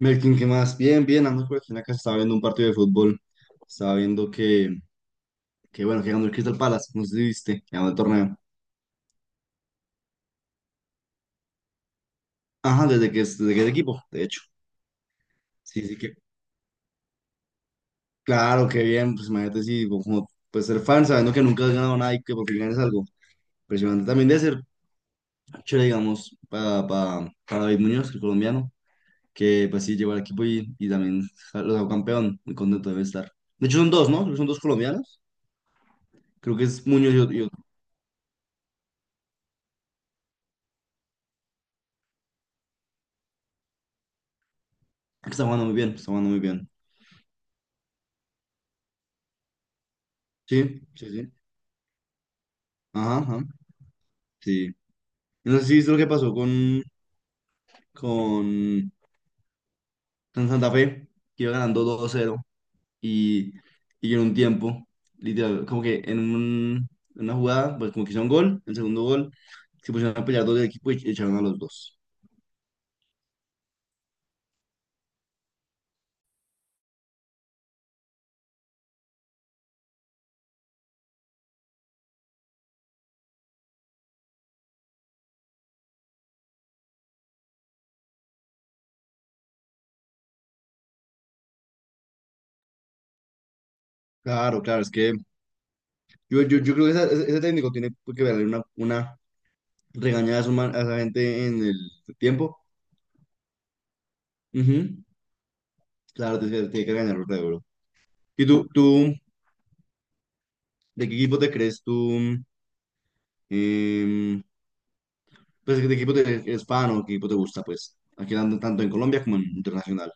Melkin, ¿qué más? Bien, bien, ando por aquí en la casa, estaba viendo un partido de fútbol, estaba viendo que bueno, que ganó el Crystal Palace, no sé si viste, que ganó el torneo. Ajá, desde que es equipo, de hecho. Sí, sí que, claro, qué bien, pues imagínate si, como, pues ser fan, sabiendo que nunca has ganado nada y que por fin ganes algo. Impresionante también de ser chévere, digamos, para David Muñoz, el colombiano, que pues sí, llegó al equipo y también lo sacó campeón, muy contento debe estar. De hecho son dos, ¿no? Creo que son dos colombianos, creo que es Muñoz y otro, que está jugando muy bien, está jugando muy bien. Sí, sí, sí. Ajá, ajá, sí. No sé si es lo que pasó con, con, con Santa Fe, que iba ganando 2 cero y, y en un tiempo, literal, como que en una jugada, pues como que hicieron gol, el segundo gol, se pusieron a pelear dos del equipo y echaron a los dos. Claro, claro, es que yo creo que ese técnico tiene que darle una regañada a esa gente en el tiempo. Ujú, claro, tiene que regañarlo, claro, bro. ¿Y tú, de qué equipo te crees tú? Em, pues, ¿de qué equipo eres fan o qué equipo te gusta? Pues, aquí tanto en Colombia como en internacional.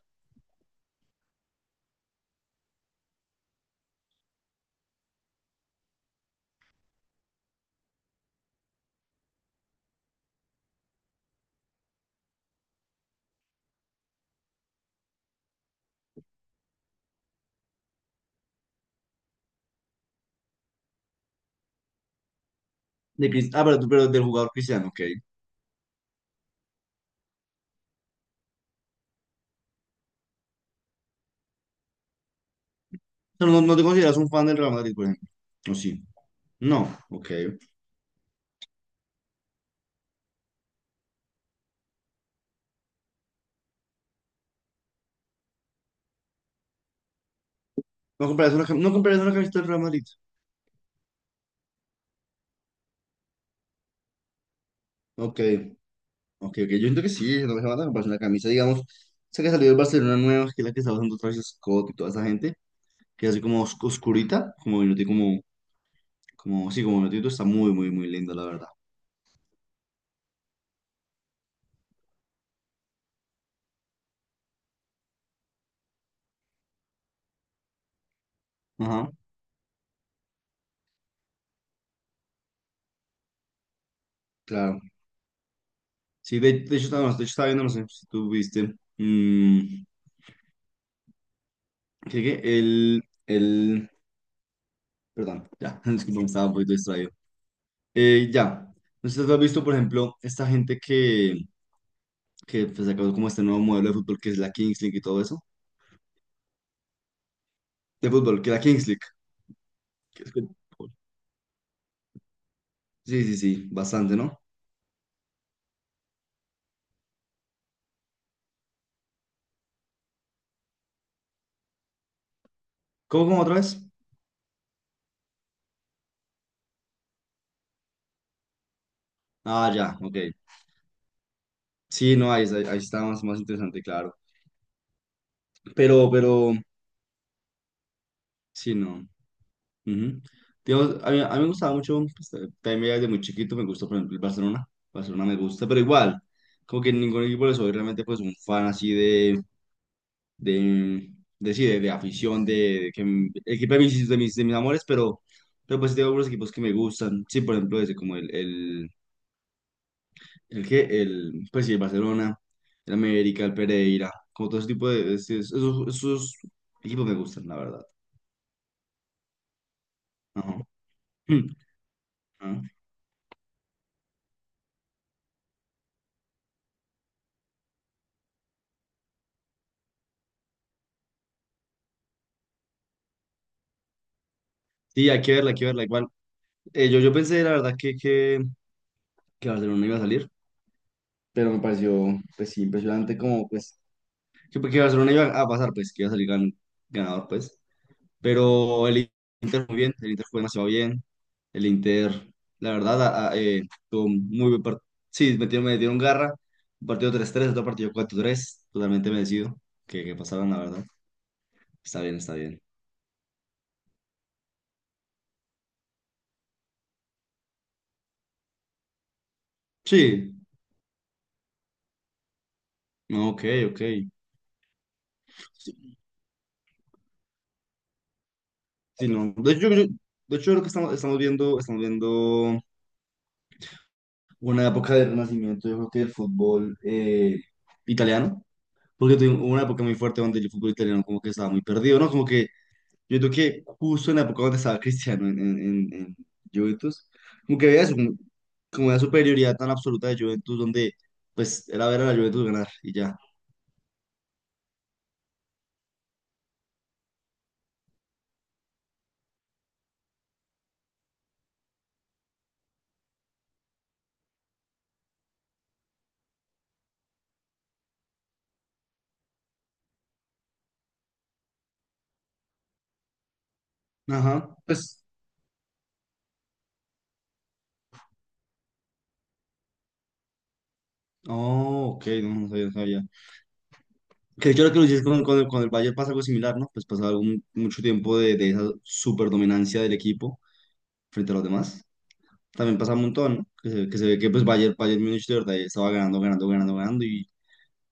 De Cris- ah, pero, tú- pero del jugador Cristiano, ok. Pero no, no te consideras un fan del Real Madrid, por ejemplo. ¿O sí? No, ok. No comprarías una camiseta del Real Madrid. Ok, ok, ok. Yo siento que sí, no me van a comprar una camisa, digamos. Sé que salió el Barcelona nueva, que es la que está usando Travis Scott y toda esa gente, que es así como oscurita, como sí, como minutito, está muy, muy, muy linda, la verdad. Ajá. Claro. Sí, de hecho, no, de hecho, estaba viendo, no sé si tú viste. ¿Qué? El, el. Perdón, ya, disculpa, me estaba un poquito distraído. Ya, no sé si tú has visto, por ejemplo, esta gente que, pues, sacó como este nuevo modelo de fútbol que es la Kings League y todo eso. De fútbol, que la Kings League. que es como- Sí, sí, sí, bastante, ¿no? ¿Cómo otra vez? Ah, ya, ok. Sí, no, ahí está más interesante, claro. Pero, sí, no. Ujú. Digamos, a mí me gustaba mucho, pues, también desde muy chiquito me gustó, por ejemplo, el Barcelona. Barcelona me gusta, pero igual, como que en ningún equipo le soy realmente pues un fan así de, de, sí, de afición, de el equipo de mis amores, pero pues tengo algunos equipos que me gustan. Sí, por ejemplo, ese como el, que- el, pues sí, el Barcelona, el América, el Pereira, como todo ese tipo de, esos equipos me gustan, la verdad. Ajá. Ajá. Sí, hay que verla, hay que verla. Igual, yo pensé, la verdad, que Barcelona iba a salir, pero me pareció, pues sí, impresionante como, pues, que Barcelona iba a pasar, pues, que iba a salir ganador, pues. Pero el Inter muy bien, el Inter fue demasiado bien. El Inter, la verdad, tuvo un muy buen partido. Sí, metieron garra. Un partido 3-3 otro partido 4-3 totalmente merecido que pasaron, la verdad. Está bien, está bien. Sí, no, ok, ok. Sí, no. De hecho, yo creo que estamos viendo. Una época de renacimiento, yo creo que del fútbol italiano, porque tuve una época muy fuerte donde el fútbol italiano como que estaba muy perdido, ¿no? Como que yo creo que justo en la época donde estaba Cristiano en Juventus, como que había eso, como una superioridad tan absoluta de Juventus donde pues era ver a la Juventus ganar y ya. Ajá, pues. Oh, ok, no, no sabía, no sabía. Que yo creo que lo hiciste con el Bayern pasa algo similar, ¿no? Pues pasaba mucho tiempo de esa superdominancia del equipo frente a los demás. También pasa un montón, ¿no? Que se ve que pues Bayern Múnich de verdad estaba ganando, ganando, ganando, ganando y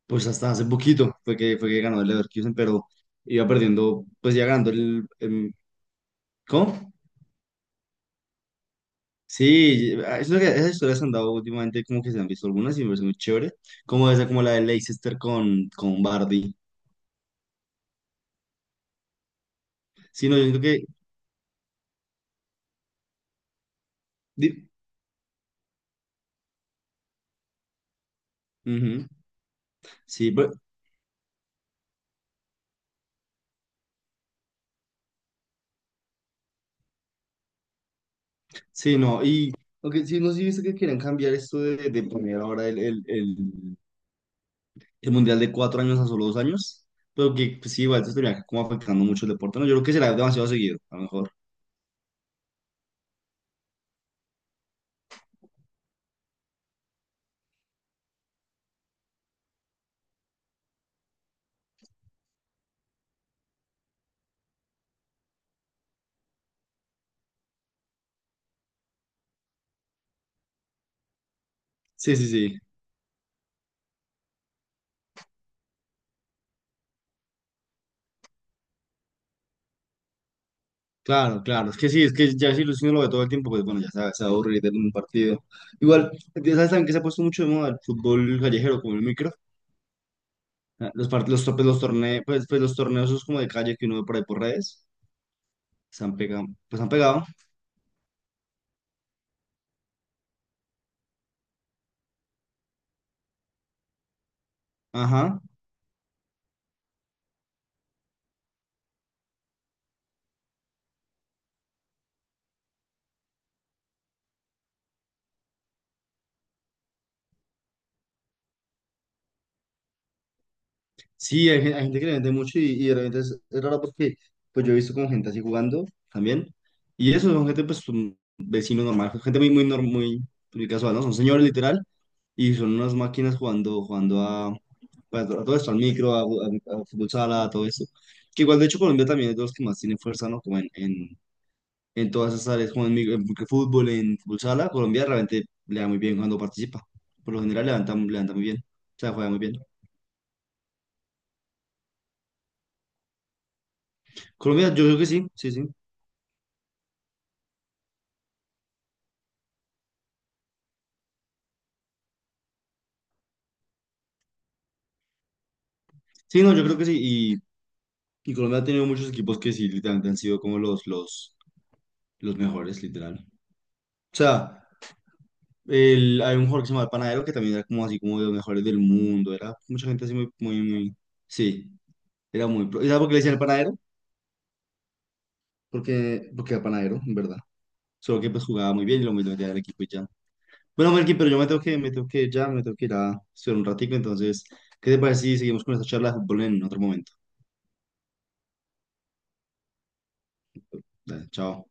pues hasta hace poquito fue que ganó el Leverkusen, pero iba perdiendo, pues ya ganando el. ¿Cómo? Sí, ah, eso esas historias han dado últimamente como que se han visto algunas y me parece muy chévere, como esa, como la de Leicester con, Bardi. Sí, no, yo siento que. di- Ujú. Sí, sí, no, y. Ok, sí, no sé si viste que querían cambiar esto de, poner ahora el mundial de 4 años a solo 2 años, pero que pues, sí, igual esto estaría como afectando mucho el deporte, ¿no? Yo creo que será demasiado seguido, a lo mejor. Sí, sí, sí. Claro, claro. Es que sí, es que ya si Luis no lo ve todo el tiempo, pues bueno, ya se va a aburrir en un partido. Igual, ¿sabes también que se ha puesto mucho de moda el fútbol callejero, como el micro? Ah, Los torneos, pues los torneos esos como de calle que uno ve por ahí por redes, se han pegado, pues han pegado. Ajá. Sí, hay gente que le vende mucho y de repente es raro porque pues yo he visto como gente así jugando también. Y eso son gente pues un vecino normal, gente muy, muy, muy, muy casual, ¿no? Son señores literal y son unas máquinas jugando a, pues, a todo esto, al micro, a fútbol sala, a todo eso. Que igual de hecho Colombia también es de los que más tienen fuerza, ¿no? Como en todas esas áreas, como en fútbol, en fútbol sala, Colombia realmente le da muy bien cuando participa. Por lo general levanta muy bien, o sea, juega muy bien. Colombia, yo creo que sí, sí, sí. Sí, no, yo creo que sí. Y, y Colombia ha tenido muchos equipos que sí, literalmente han sido como los mejores, literal. O sea, hay un jugador que se llama El Panadero que también era como así como de los mejores del mundo. Era mucha gente así muy, muy, muy. Sí, era muy. ¿Y sabes por qué le decían El Panadero? Porque era panadero, en verdad. Solo que pues jugaba muy bien y lo metía al equipo y ya. Bueno, Melqui, pero yo me tengo que ir ya, me tengo que ir a estudiar un ratico. Entonces, ¿qué te parece si seguimos con esta charla de fútbol en otro momento? Dale, chao.